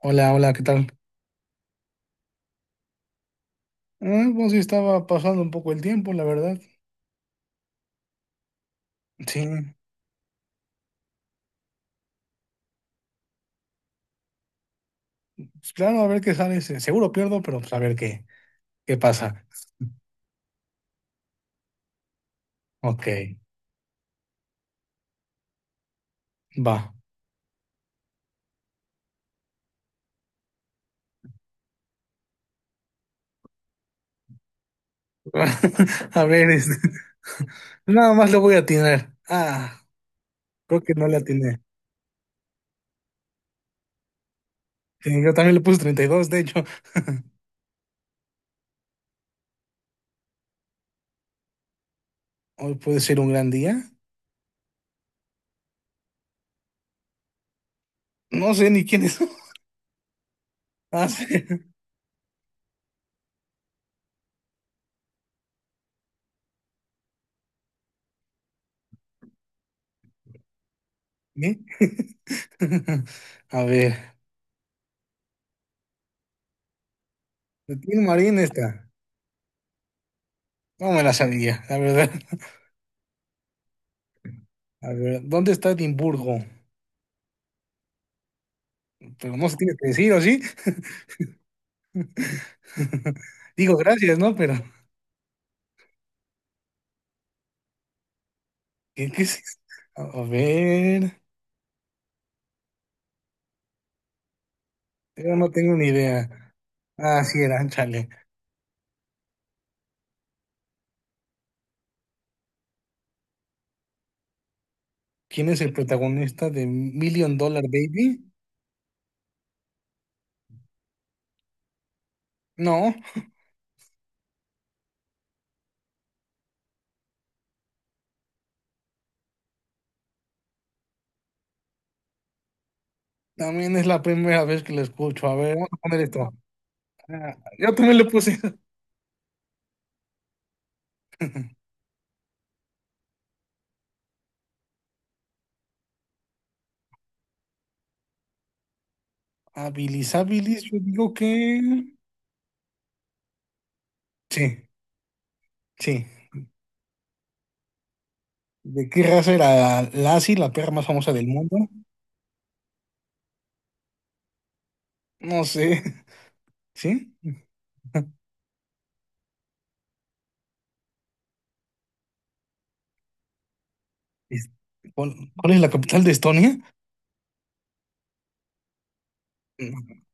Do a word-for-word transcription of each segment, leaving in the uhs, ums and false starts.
Hola, hola, ¿qué tal? Ah, pues sí, estaba pasando un poco el tiempo, la verdad. Sí, pues claro, a ver qué sale. Se- Seguro pierdo, pero pues a ver qué, qué pasa. Ok, va. A ver, este, nada más le voy a atinar. Ah, creo que no le atiné. Sí, yo también le puse treinta y dos, de hecho. Hoy puede ser un gran día. No sé ni quién es. Ah, sí. ¿Eh? A ver, de Tin Marín esta. No me la sabía, la verdad. A ver, ¿dónde está Edimburgo? Pero no se tiene que decir, ¿o sí? Digo, gracias, ¿no? Pero, ¿qué, qué es eso? A a ver, yo no tengo ni idea. Ah, sí, era, chale. ¿Quién es el protagonista de Million Dollar Baby? No, también es la primera vez que lo escucho. A ver, vamos a poner esto. Ah, yo también le puse. Habilis habilis, yo digo que... Sí, sí. ¿De qué raza era Lassie, la perra más famosa del mundo? No sé. ¿Sí? Es- ¿Cuál, cuál es la capital de Estonia?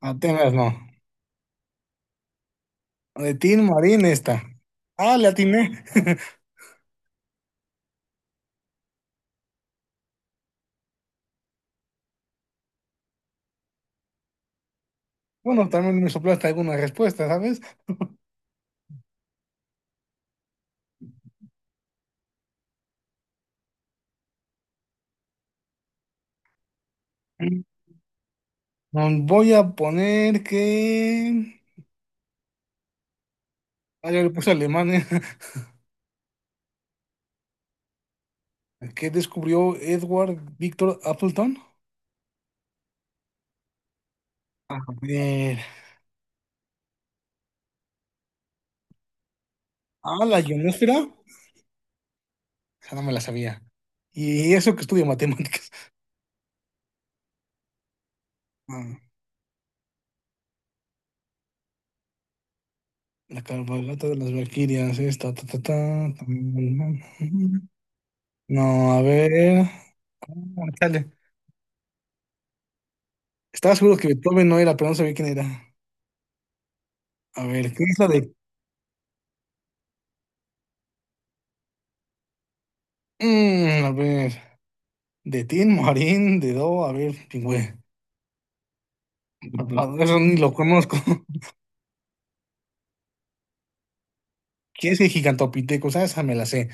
Atenas no. De Tin Marín esta. Ah, le atiné. Bueno, también me soplaste alguna respuesta, ¿sabes? Mm, Mm, Voy a poner que... Ah, ya le puse Alemania. ¿Qué descubrió Edward Victor Appleton? A ver. Ah, la ionosfera. Esa no me la sabía. Y eso que estudia matemáticas. Ah, la cabalgata de las Valquirias. Esta, ta, ta, ta, tam, tam, tam. No, a ver. Ah, chale. Estaba seguro que Beethoven no era, pero no sabía quién era. A ver, ¿qué es la de...? Mm, a ver, de Tin, Marín, de Do, a ver, pingüe. No, eso ni lo conozco. ¿Qué es el Gigantopithecus? Ah, esa me la sé.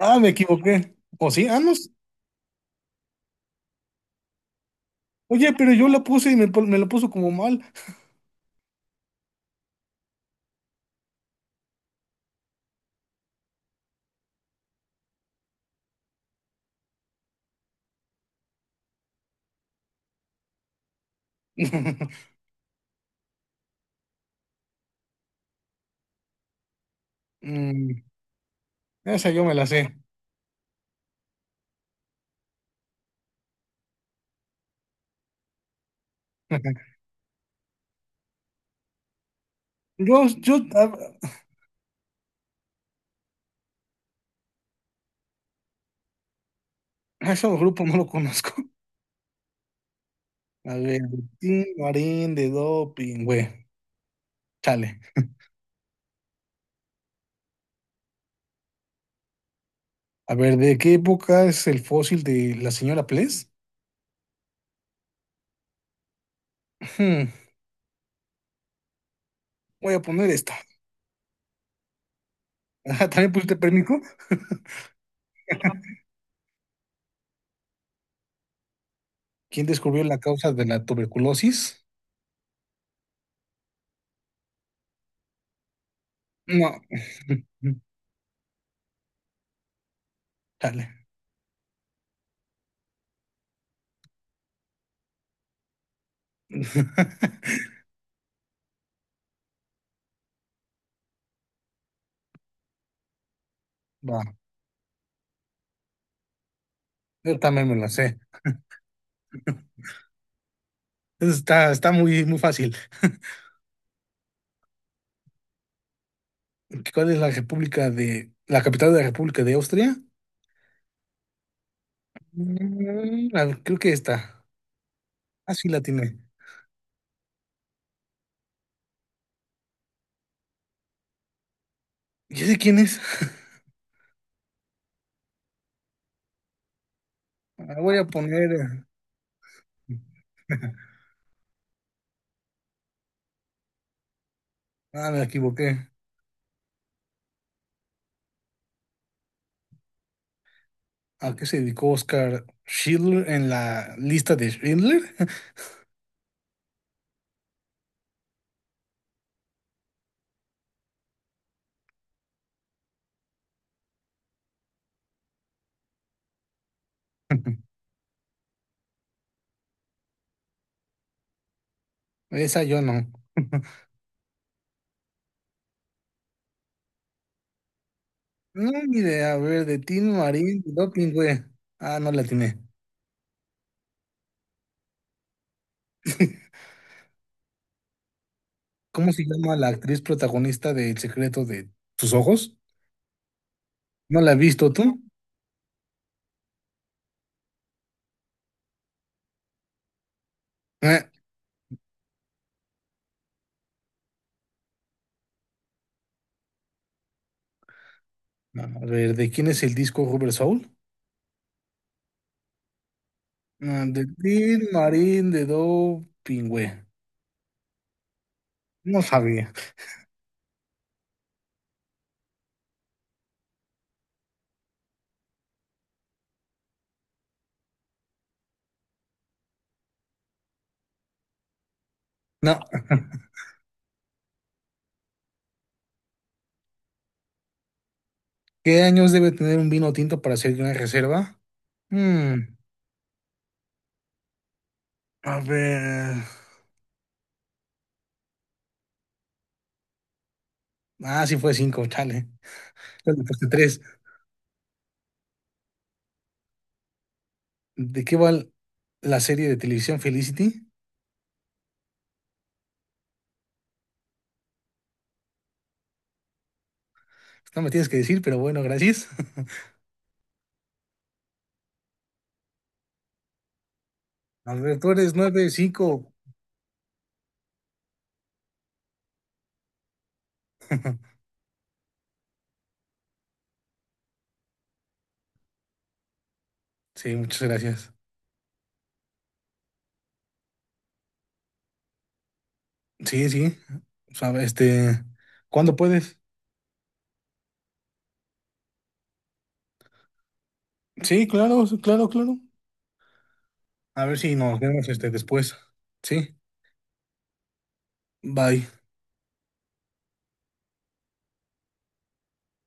Ah, me equivoqué. ¿O sí? Ah, no. s- Oye, pero yo la puse y me, pon- me lo puso como mal. Mm, esa yo me la sé. Yo, yo, a, a ese grupo no lo conozco. A ver, de Tin, Marín, de Do, pingüe. Chale. A ver, ¿de qué época es el fósil de la señora Pless? Hmm, voy a poner esta. Ajá, ¿también pusiste pérmico? ¿Quién descubrió la causa de la tuberculosis? No. Dale. Va, yo también me la sé. Eso está, está muy, muy fácil. ¿Cuál es la república de... la capital de la República de Austria? Mm, a ver, creo que esta. Ah, sí la tiene. ¿Y sé quién es? Ah, voy a poner... eh, ah, me equivoqué. ¿A qué se dedicó Oscar Schindler en la lista de Schindler? Esa yo no. No, ni idea. A ver, de Tin Marín, doping, güey. Ah, no la tiene. ¿Cómo se llama la actriz protagonista de El secreto de tus ojos? ¿No la has visto tú? Eh, no. A ver, ¿de quién es el disco Rubber Soul? Ah, de Tin Marín, de doping, güey. No sabía. No. ¿Qué años debe tener un vino tinto para ser de una reserva? Hmm. A ver. Ah, sí fue cinco, chale. Yo le puse tres. ¿De qué va la serie de televisión Felicity? No me tienes que decir, pero bueno, gracias. A ver, tú eres nueve, cinco. Sí, muchas gracias. Sí, sí. O sea, este, ¿cuándo puedes? Sí, claro, sí, claro, claro. A ver si nos vemos este después. Sí, bye.